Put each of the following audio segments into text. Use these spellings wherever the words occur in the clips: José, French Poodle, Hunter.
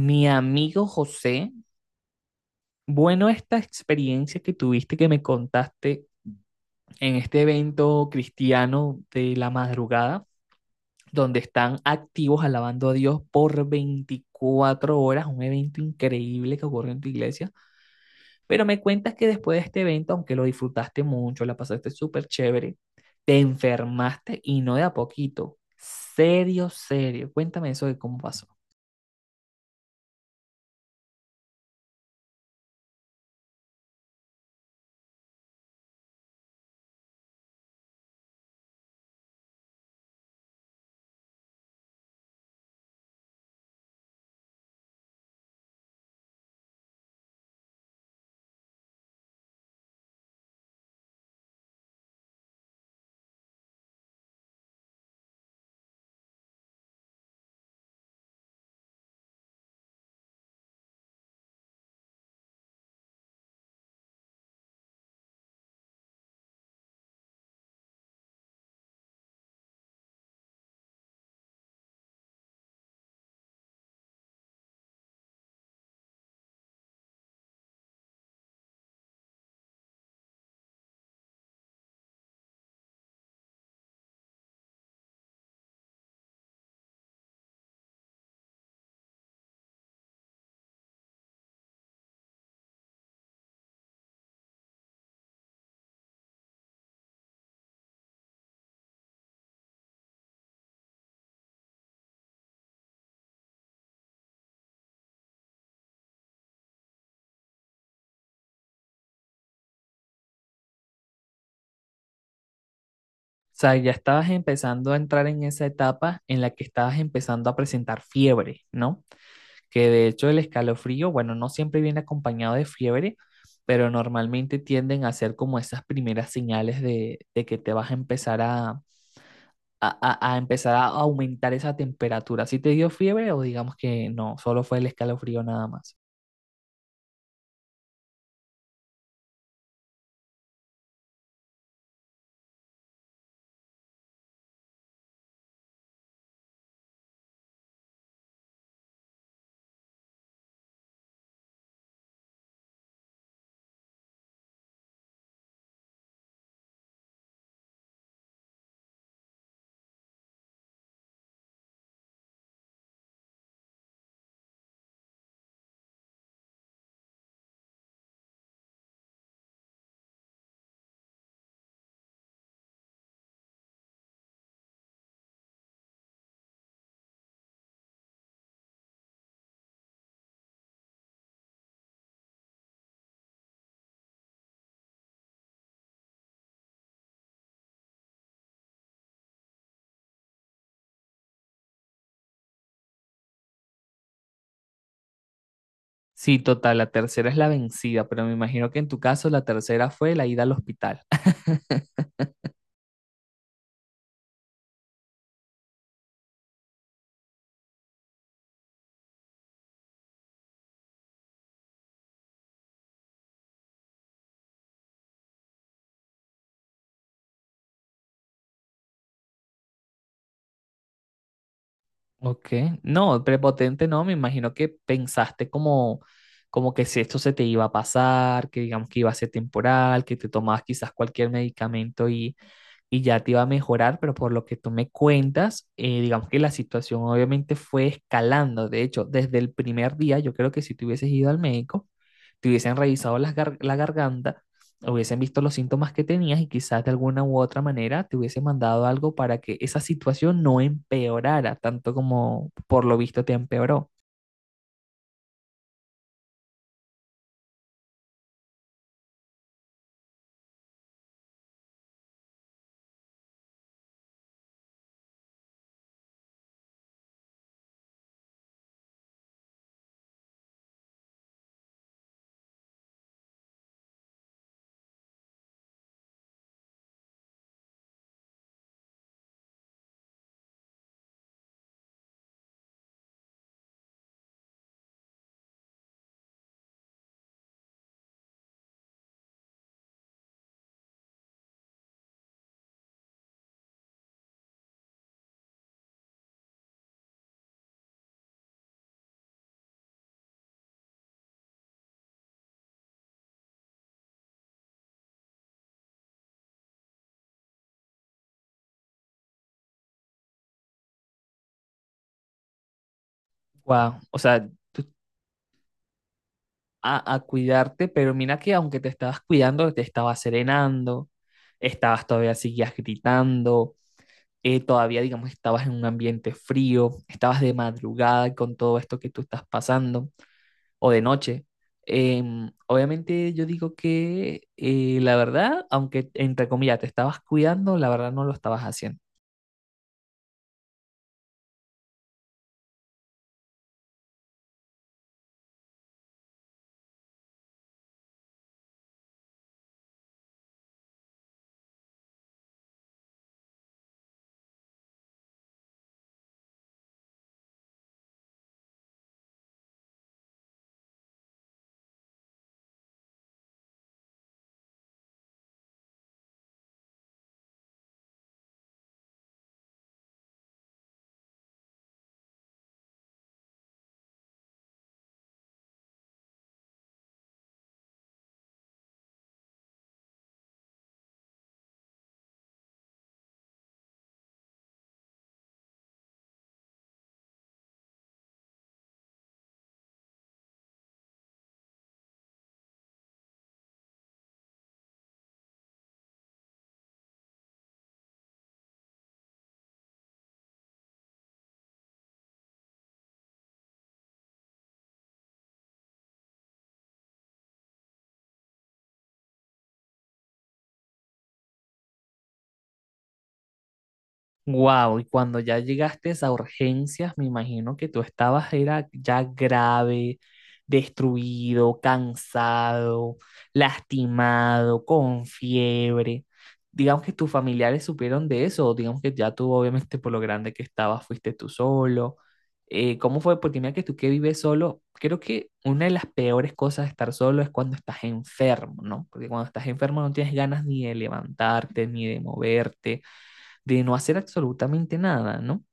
Mi amigo José, bueno, esta experiencia que tuviste que me contaste en este evento cristiano de la madrugada, donde están activos alabando a Dios por 24 horas, un evento increíble que ocurre en tu iglesia, pero me cuentas que después de este evento, aunque lo disfrutaste mucho, la pasaste súper chévere, te enfermaste y no de a poquito. Serio, serio. Cuéntame eso de cómo pasó. Sea, ya estabas empezando a entrar en esa etapa en la que estabas empezando a presentar fiebre, ¿no? Que de hecho el escalofrío, bueno, no siempre viene acompañado de fiebre, pero normalmente tienden a ser como esas primeras señales de que te vas a empezar a empezar a aumentar esa temperatura. ¿Si te dio fiebre o digamos que no, solo fue el escalofrío nada más? Sí, total, la tercera es la vencida, pero me imagino que en tu caso la tercera fue la ida al hospital. Ok, no, prepotente no, me imagino que pensaste como, como que si esto se te iba a pasar, que digamos que iba a ser temporal, que te tomabas quizás cualquier medicamento y ya te iba a mejorar, pero por lo que tú me cuentas, digamos que la situación obviamente fue escalando. De hecho, desde el primer día, yo creo que si te hubieses ido al médico, te hubiesen revisado las la garganta, hubiesen visto los síntomas que tenías y quizás de alguna u otra manera te hubiesen mandado algo para que esa situación no empeorara, tanto como por lo visto te empeoró. Wow, o sea, a cuidarte, pero mira que aunque te estabas cuidando, te estabas serenando, estabas todavía seguías gritando. Eh, todavía, digamos, estabas en un ambiente frío, estabas de madrugada con todo esto que tú estás pasando. O de noche. Obviamente yo digo que la verdad, aunque entre comillas te estabas cuidando, la verdad no lo estabas haciendo. Wow, y cuando ya llegaste a urgencias, me imagino que tú estabas era ya grave, destruido, cansado, lastimado, con fiebre. Digamos que tus familiares supieron de eso, o digamos que ya tú, obviamente, por lo grande que estabas, fuiste tú solo. ¿Cómo fue? Porque mira que tú que vives solo, creo que una de las peores cosas de estar solo es cuando estás enfermo, ¿no? Porque cuando estás enfermo no tienes ganas ni de levantarte, ni de moverte de no hacer absolutamente nada, ¿no?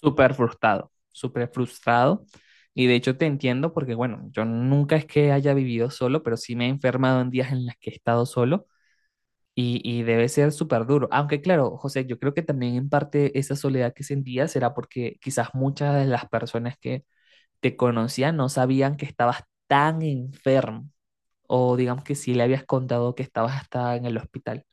Súper frustrado, súper frustrado. Y de hecho te entiendo porque, bueno, yo nunca es que haya vivido solo, pero sí me he enfermado en días en las que he estado solo y debe ser súper duro. Aunque claro, José, yo creo que también en parte esa soledad que sentía será porque quizás muchas de las personas que te conocían no sabían que estabas tan enfermo o digamos que sí le habías contado que estabas hasta en el hospital.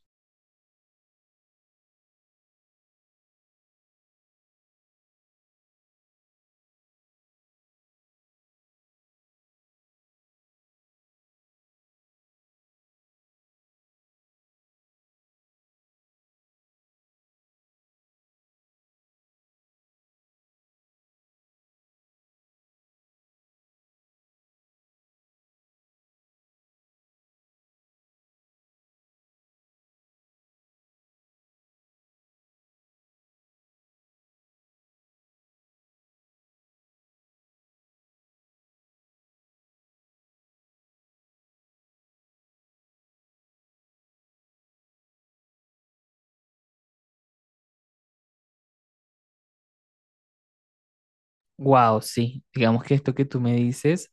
Wow, sí, digamos que esto que tú me dices.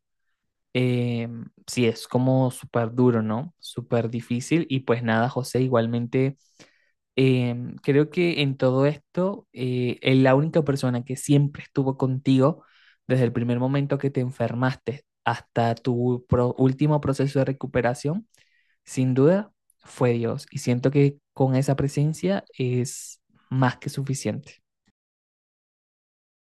Eh, sí, es como súper duro, ¿no? Súper difícil. Y pues nada, José, igualmente creo que en todo esto, la única persona que siempre estuvo contigo desde el primer momento que te enfermaste hasta tu último proceso de recuperación, sin duda, fue Dios. Y siento que con esa presencia es más que suficiente.